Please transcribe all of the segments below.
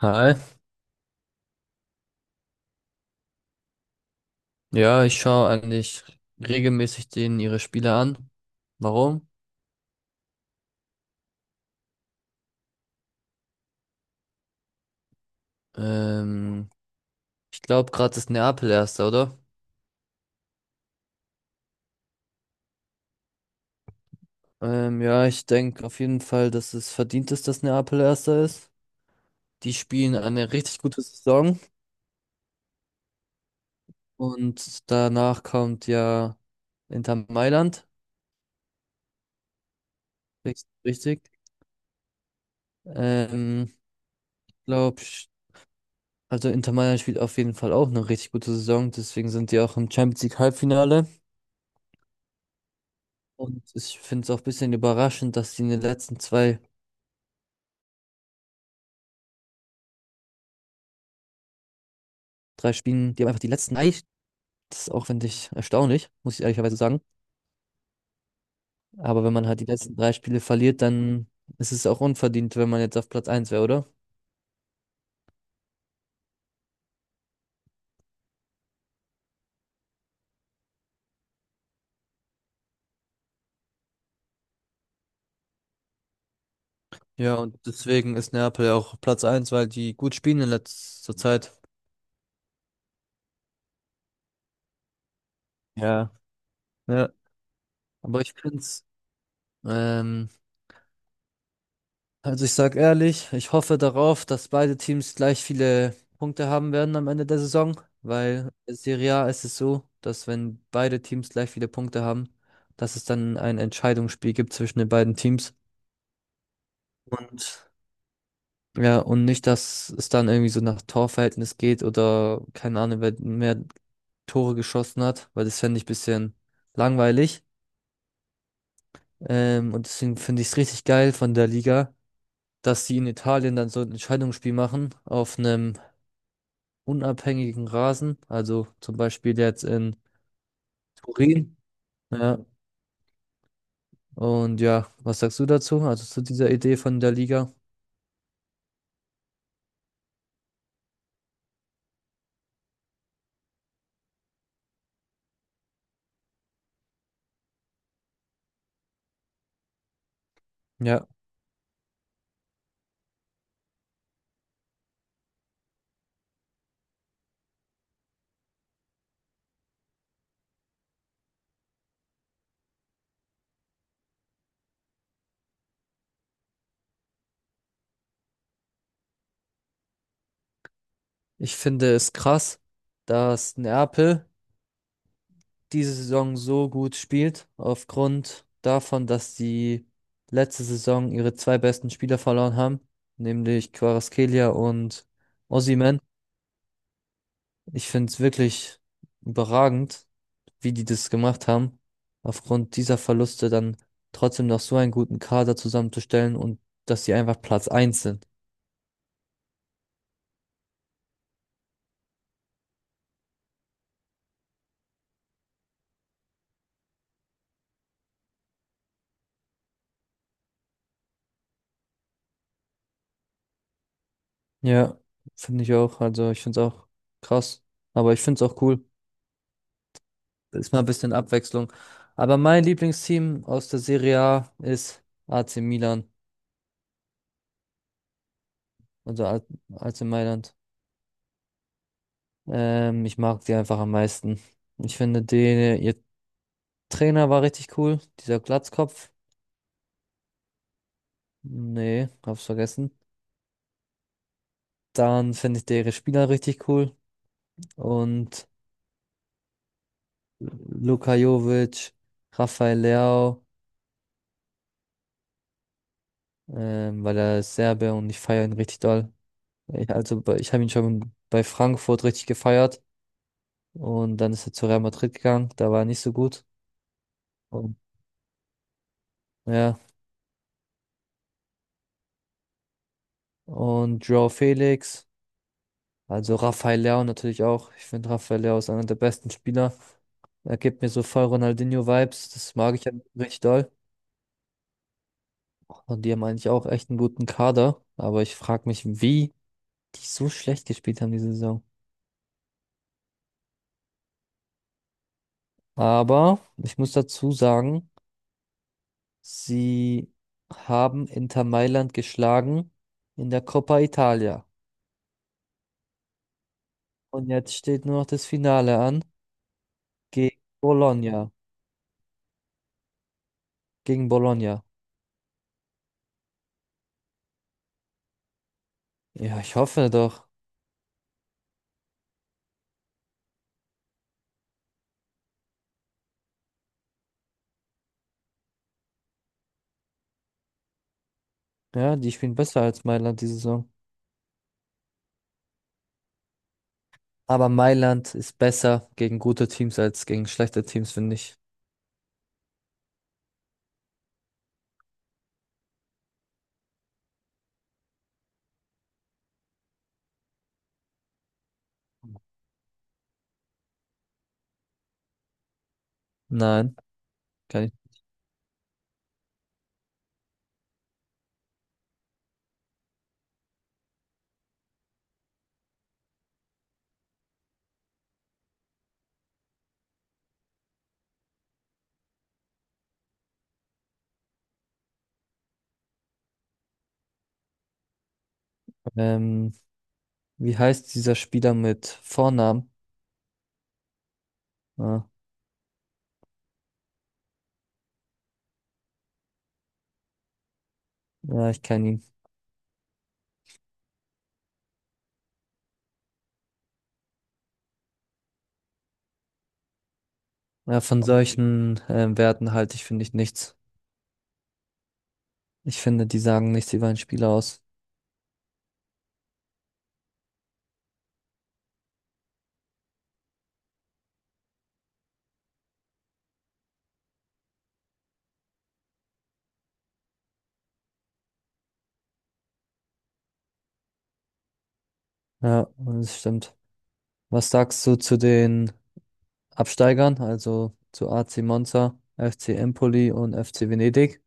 Hi. Ja, ich schaue eigentlich regelmäßig denen ihre Spiele an. Warum? Ähm, ich glaube, gerade ist Neapel Erster, oder? Ja, ich denke auf jeden Fall, dass es verdient ist, dass Neapel Erster ist. Die spielen eine richtig gute Saison und danach kommt ja Inter Mailand. Richtig. Richtig. Ähm, glaub, sch- also Inter Mailand spielt auf jeden Fall auch eine richtig gute Saison, deswegen sind die auch im Champions League Halbfinale. Und ich finde es auch ein bisschen überraschend, dass die in den letzten zwei, drei Spielen, die haben einfach die letzten drei, das ist auch, finde ich, erstaunlich, muss ich ehrlicherweise sagen. Aber wenn man halt die letzten drei Spiele verliert, dann ist es auch unverdient, wenn man jetzt auf Platz eins wäre, oder? Ja, und deswegen ist Neapel ja auch Platz eins, weil die gut spielen in letzter Zeit. Ja. Ja. Aber ich finde es, Also ich sage ehrlich, ich hoffe darauf, dass beide Teams gleich viele Punkte haben werden am Ende der Saison, weil in Serie A ist es so, dass wenn beide Teams gleich viele Punkte haben, dass es dann ein Entscheidungsspiel gibt zwischen den beiden Teams. Und ja, und nicht, dass es dann irgendwie so nach Torverhältnis geht oder keine Ahnung, wer mehr Tore geschossen hat, weil das fände ich ein bisschen langweilig. Und deswegen finde ich es richtig geil von der Liga, dass sie in Italien dann so ein Entscheidungsspiel machen auf einem unabhängigen Rasen, also zum Beispiel jetzt in Turin. Ja, und ja, was sagst du dazu? Also zu dieser Idee von der Liga? Ja, ich finde es krass, dass Neapel diese Saison so gut spielt, aufgrund davon, dass sie letzte Saison ihre zwei besten Spieler verloren haben, nämlich Kvaratskhelia und Osimhen. Ich finde es wirklich überragend, wie die das gemacht haben, aufgrund dieser Verluste dann trotzdem noch so einen guten Kader zusammenzustellen und dass sie einfach Platz eins sind. Ja, finde ich auch. Also ich finde es auch krass. Aber ich finde es auch cool. Ist mal ein bisschen Abwechslung. Aber mein Lieblingsteam aus der Serie A ist AC Milan, also A- AC Mailand. Ich mag die einfach am meisten. Ich finde, die, ihr Trainer war richtig cool. Dieser Glatzkopf. Nee, hab's vergessen. Dann finde ich deren Spieler richtig cool. Und Luka Jovic, Rafael Leao, weil er ist Serbe und ich feiere ihn richtig doll. Ich habe ihn schon bei Frankfurt richtig gefeiert. Und dann ist er zu Real Madrid gegangen. Da war er nicht so gut. Und, ja. Und João Felix, also Rafael Leao natürlich auch. Ich finde Rafael Leao ist einer der besten Spieler. Er gibt mir so voll Ronaldinho-Vibes. Das mag ich ja richtig doll. Und die haben eigentlich auch echt einen guten Kader. Aber ich frage mich, wie die so schlecht gespielt haben diese Saison. Aber ich muss dazu sagen, sie haben Inter Mailand geschlagen in der Coppa Italia. Und jetzt steht nur noch das Finale an gegen Bologna. Gegen Bologna. Ja, ich hoffe doch. Ja, die spielen besser als Mailand diese Saison. Aber Mailand ist besser gegen gute Teams als gegen schlechte Teams, finde ich. Nein, kann ich. Ähm, wie heißt dieser Spieler mit Vornamen? Ah, ja, ich kann ihn. Ja, von solchen Werten halte ich, finde ich, nichts. Ich finde, die sagen nichts über einen Spieler aus. Ja, und das stimmt. Was sagst du zu den Absteigern, also zu AC Monza, FC Empoli und FC Venedig?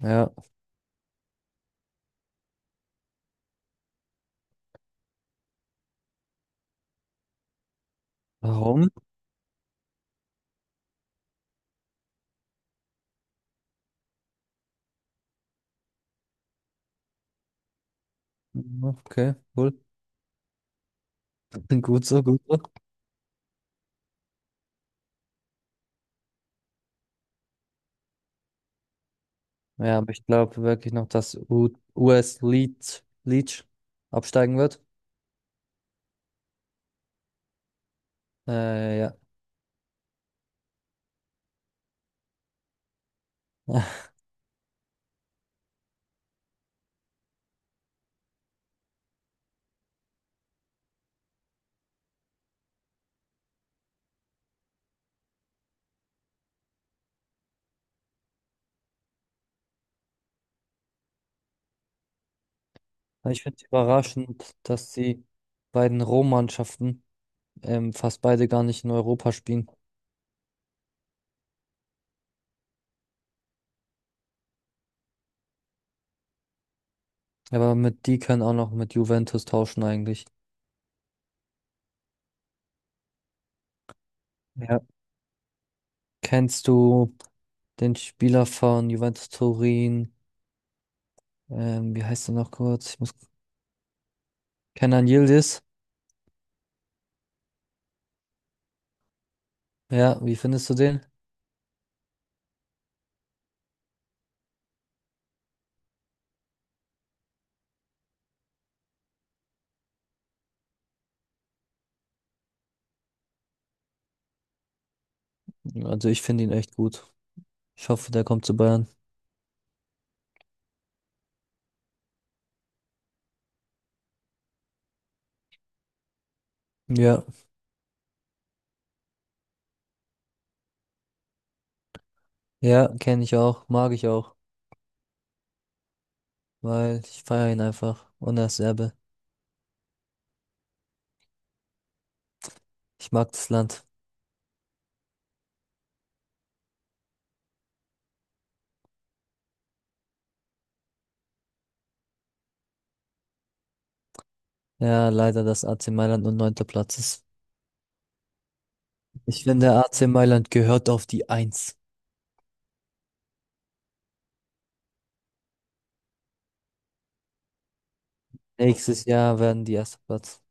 Ja, warum? Okay, cool. Gut so, gut so. Ja, aber ich glaube wirklich noch, dass U US Leeds absteigen wird. Ja. Ich finde es überraschend, dass die beiden Rom-Mannschaften fast beide gar nicht in Europa spielen. Aber mit die können auch noch mit Juventus tauschen eigentlich. Ja. Kennst du den Spieler von Juventus Turin? Wie heißt er noch kurz? Ich muss. Kenan Yildiz. Ja, wie findest du den? Also ich finde ihn echt gut. Ich hoffe, der kommt zu Bayern. Ja, ja, kenne ich auch, mag ich auch, weil ich feiere ihn einfach. Und er ist Serbe. Ich mag das Land. Ja, leider, dass AC Mailand nur neunter Platz ist. Ich finde, AC Mailand gehört auf die Eins. Nächstes Jahr werden die erster Platz.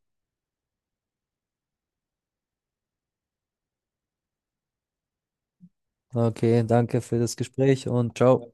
Okay, danke für das Gespräch und ciao.